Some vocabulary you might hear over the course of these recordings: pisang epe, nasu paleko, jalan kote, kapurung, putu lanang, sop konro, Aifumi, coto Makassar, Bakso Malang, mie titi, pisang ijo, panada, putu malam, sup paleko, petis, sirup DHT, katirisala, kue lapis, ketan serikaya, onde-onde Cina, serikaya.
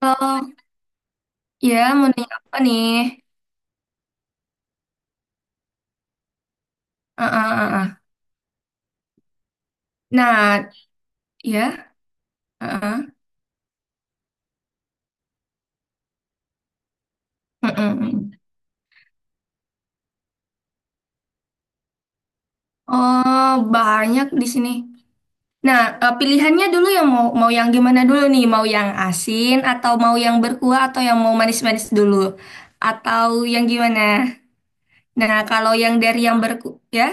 Oh, ya mau nanya apa nih? Ah, ah, ah, ah. Nah, ya. Ah, ah. Mm-mm, mm. Oh, banyak di sini. Nah, pilihannya dulu yang mau mau yang gimana dulu nih? Mau yang asin atau mau yang berkuah atau yang mau manis-manis dulu? Atau yang gimana? Nah, kalau yang dari yang berkuah ya.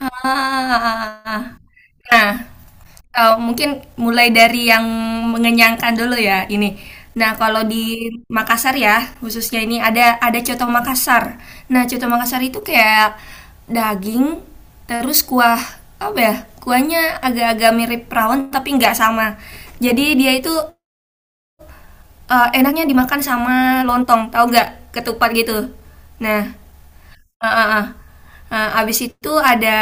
Ah, ah, ah, ah. Nah, mungkin mulai dari yang mengenyangkan dulu ya ini. Nah, kalau di Makassar ya khususnya ini ada coto Makassar. Nah, coto Makassar itu kayak daging, terus kuah apa ya, kuahnya agak-agak mirip rawon tapi nggak sama. Jadi dia itu, enaknya dimakan sama lontong, tahu nggak? Ketupat gitu. Nah, heeh, heeh. Nah, abis itu ada,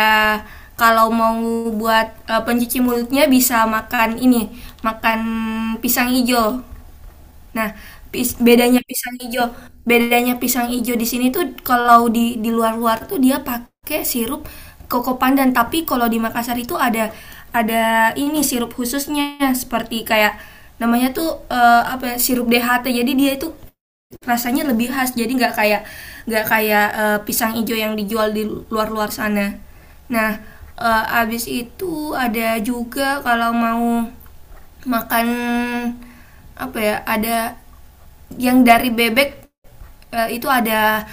kalau mau buat pencuci mulutnya bisa makan ini, makan pisang ijo. Nah, pis- bedanya pisang ijo, bedanya pisang ijo di sini tuh kalau di luar-luar tuh dia pakai sirup koko pandan, tapi kalau di Makassar itu ada ini sirup khususnya, seperti kayak namanya tuh, apa ya, sirup DHT. Jadi dia itu rasanya lebih khas, jadi nggak kayak pisang hijau yang dijual di luar-luar sana. Nah, abis itu ada juga, kalau mau makan apa ya, ada yang dari bebek, itu ada,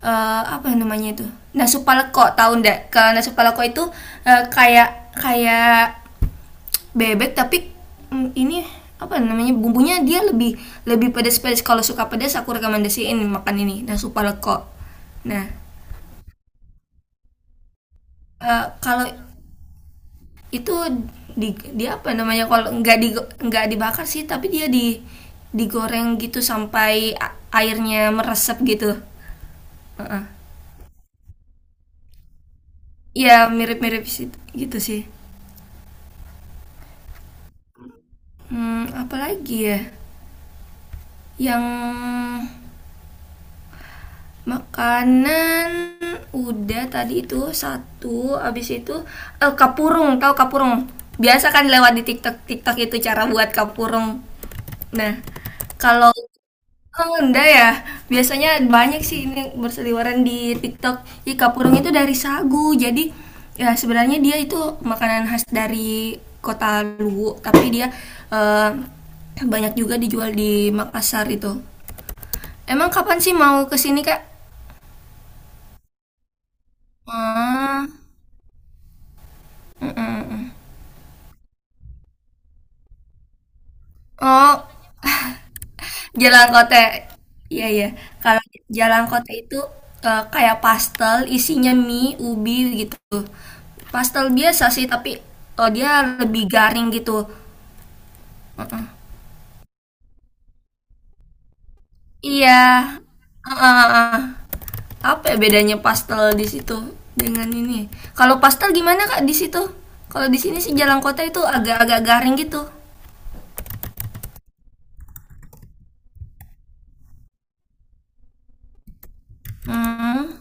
apa namanya itu, nasu paleko, tahu ndak? Kalau nasu paleko itu kayak kayak bebek tapi, ini apa namanya, bumbunya dia lebih lebih pedas-pedas. Kalau suka pedas, aku rekomendasiin makan ini, nah, sup paleko. Nah, kalau itu di, dia apa namanya, kalau nggak di, nggak dibakar sih tapi dia di, digoreng gitu sampai airnya meresap gitu. Heeh. Ya mirip-mirip si, gitu sih. Apalagi ya, yang makanan udah tadi itu satu, abis itu kapurung, tahu kapurung? Biasa kan lewat di TikTok, TikTok itu cara buat kapurung. Nah, kalau, oh, enggak ya, biasanya banyak sih ini berseliweran di TikTok. Jadi kapurung itu dari sagu. Jadi ya sebenarnya dia itu makanan khas dari kota Luwu, tapi dia eh, banyak juga dijual di Makassar itu. Emang kapan sih mau kesini, Kak? Ah, hmm. Oh, jalan kote. Iya, iya. Kalau jalan kote itu kayak pastel, isinya mie, ubi gitu. Pastel biasa sih, tapi, oh, dia lebih garing gitu. Heeh. Iya. Heeh, heeh. Apa ya bedanya pastel di situ dengan ini? Kalau pastel gimana Kak di situ? Kalau di sini sih jalan kota itu agak-agak garing gitu. Hmm.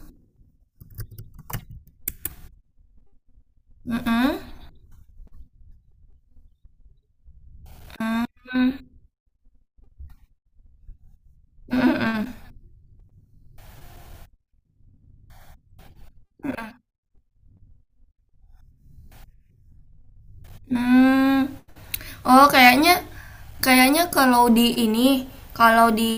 Mm-mm. Mm-mm. Mm-mm. Hmm. Hmm. Oh, kayaknya kayaknya kalau di ini, kalau di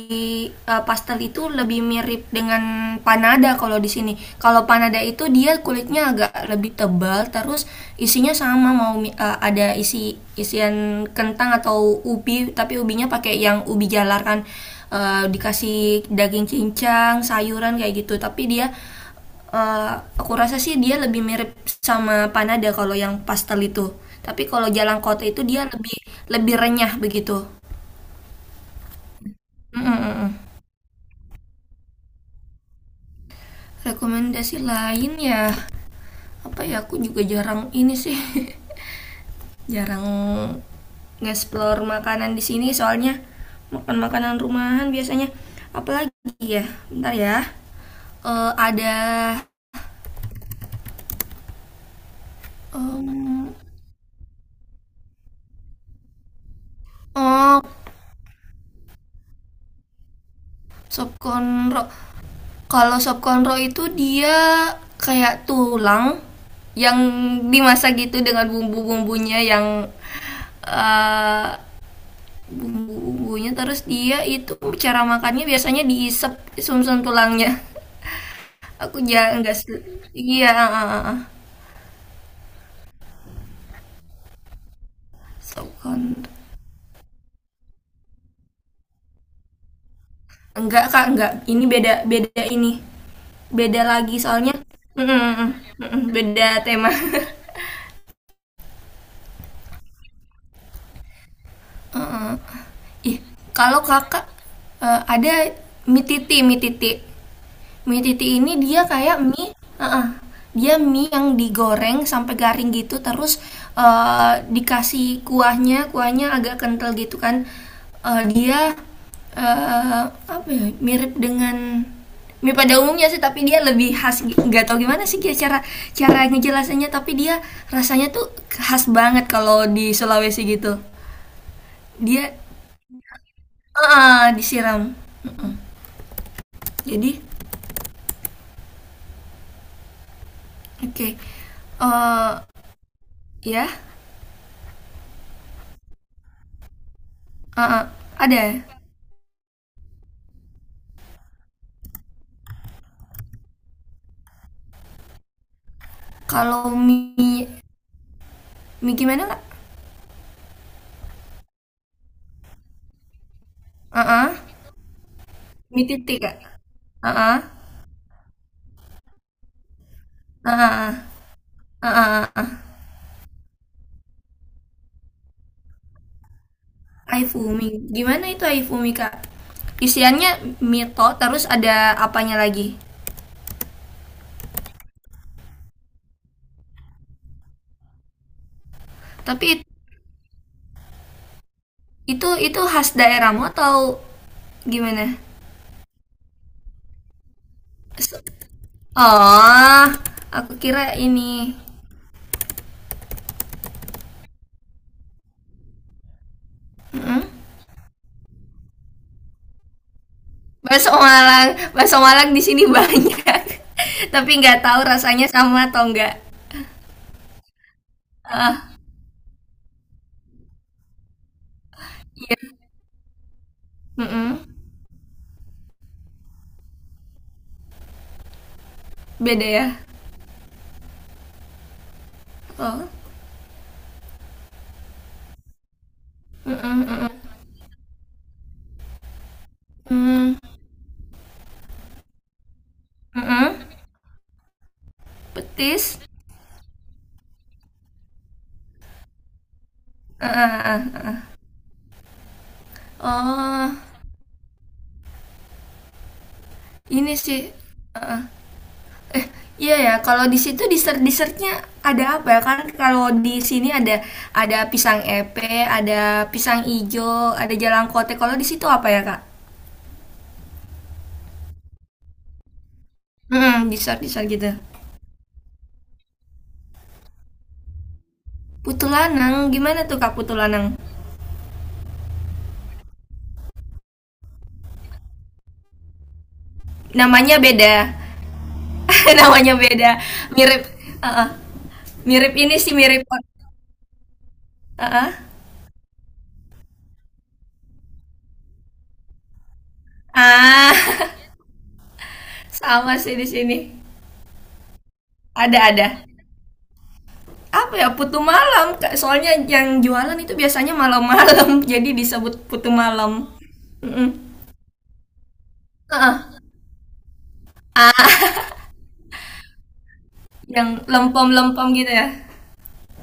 pastel itu lebih mirip dengan panada kalau di sini. Kalau panada itu dia kulitnya agak lebih tebal, terus isinya sama, mau ada isi isian kentang atau ubi, tapi ubinya pakai yang ubi jalar kan. Dikasih daging cincang, sayuran kayak gitu, tapi dia, eh, aku rasa sih dia lebih mirip sama panada kalau yang pastel itu. Tapi kalau jalan kota itu dia lebih lebih renyah begitu. Mm, mm, mm, mm. Rekomendasi lain ya, apa ya, aku juga jarang ini sih. Jarang nge-explore makanan di sini, soalnya makan makanan rumahan biasanya, apalagi ya. Bentar ya. Ada em, oh, sop konro. Kalau sop konro itu dia kayak tulang yang dimasak gitu dengan bumbu-bumbunya yang eh, bumbu-bumbunya, terus dia itu cara makannya biasanya diisep sumsum tulangnya. Aku ya enggak, iya, ah, ah, ah, ah. Sop konro. Enggak Kak, enggak. Ini beda beda ini. Beda lagi soalnya. Mm, mm, mm, mm, beda tema. Heeh. Ih, kalau kakak, ada mie titi, mie titi. Mie titi ini dia kayak mie, heeh, dia mie yang digoreng sampai garing gitu, terus dikasih kuahnya agak kental gitu kan. Dia, eh, apa ya, mirip dengan mie pada umumnya sih, tapi dia lebih khas. Nggak tahu gimana sih dia cara cara ngejelasannya, tapi dia rasanya tuh khas banget kalau di Sulawesi gitu. Dia, ah, disiram. Mhm. Jadi, oke. Eh, ya, ah, ah. Ada. Kalau mie mie gimana, Kak? Heeh. Mie titik, Kak? Ah, ah, ah. Heeh. Aifumi. Gimana itu Aifumi, Kak? Isiannya mie to, terus ada apanya lagi? Tapi itu khas daerahmu atau gimana? Se- oh, aku kira ini. Mhm. Bakso Malang di sini banyak. Tapi nggak tahu rasanya sama atau enggak. Ah, iya. Mm-mm. Beda ya. Oh. Mm-mm, mm-mm. Mm, mm-mm. Petis. Ah, ah, ah, ah, ah. Oh, ini sih. Iya ya, kalau di situ dessert dessertnya ada apa ya? Kan kalau di sini ada pisang epe, ada pisang ijo, ada jalan kote. Kalau di situ apa ya, Kak? Hmm, dessert dessert gitu. Putu lanang, gimana tuh Kak Putu lanang? Namanya beda. Namanya beda, mirip, uh-uh. Mirip ini sih, mirip, uh-uh. Ah, sama sih di sini. Ada apa ya, putu malam Kak. Soalnya yang jualan itu biasanya malam-malam, jadi disebut putu malam. Mm-mm. Uh-uh. Ah, yang lempom-lempom gitu ya.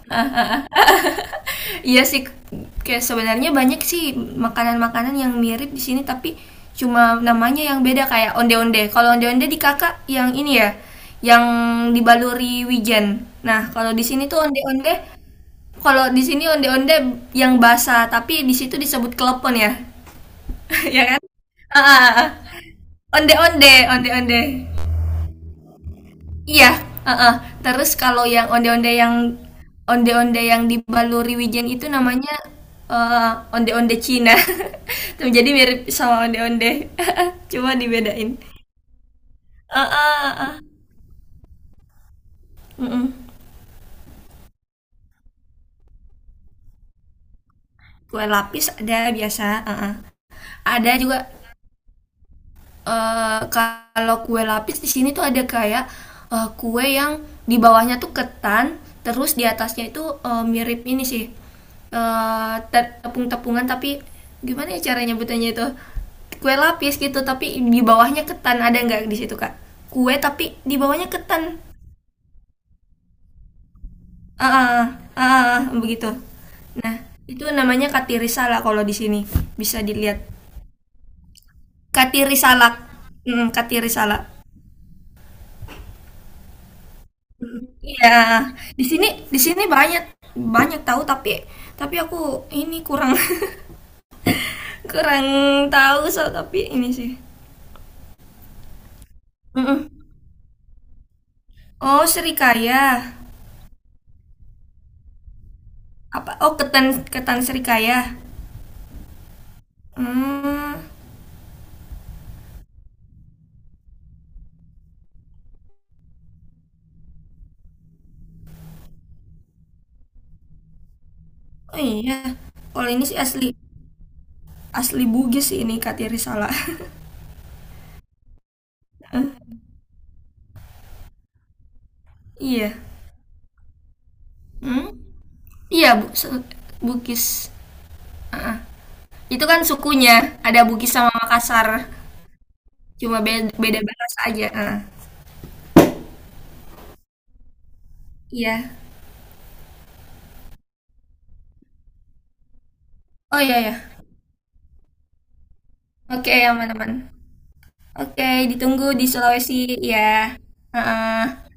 Iya sih, kayak sebenarnya banyak sih makanan-makanan yang mirip di sini, tapi cuma namanya yang beda, kayak onde-onde. Kalau onde-onde di kakak yang ini ya, yang dibaluri wijen. Nah, kalau di sini tuh onde-onde, kalau di sini onde-onde yang basah tapi di situ disebut klepon ya, ya kan? Ah, ah, ah. Onde-onde, onde-onde. Iya, heeh. Terus kalau yang onde-onde yang dibaluri wijen itu namanya eh, onde-onde Cina. Tuh jadi mirip sama onde-onde. Cuma dibedain. Heeh, heeh. Mm-mm. Kue lapis ada biasa, heeh. Ada juga, kalau kue lapis di sini tuh ada kayak kue yang di bawahnya tuh ketan, terus di atasnya itu mirip ini sih, eh, tepung-tepungan tapi gimana ya cara nyebutannya itu, kue lapis gitu tapi di bawahnya ketan, ada nggak di situ, Kak? Kue tapi di bawahnya ketan, ah, ah, ah, ah, ah, ah, begitu. Nah, itu namanya katirisala kalau di sini, bisa dilihat katirisala, katirisala. Iya, di sini di sini banyak banyak tahu, tapi aku ini kurang, kurang tahu so tapi ini sih. Mm-mm. Oh, serikaya. Apa? Oh, ketan, ketan serikaya. Hmm. Oh iya. Kalau ini sih asli asli Bugis sih ini Katiri salah. Iya. Hmm? Iya, Bu, Bugis. Ah, itu kan sukunya. Ada Bugis sama Makassar. Cuma beda, beda bahasa aja. Ah, iya. Oh iya ya. Oke, aman-aman. Oke, ditunggu di Sulawesi ya. Heeh.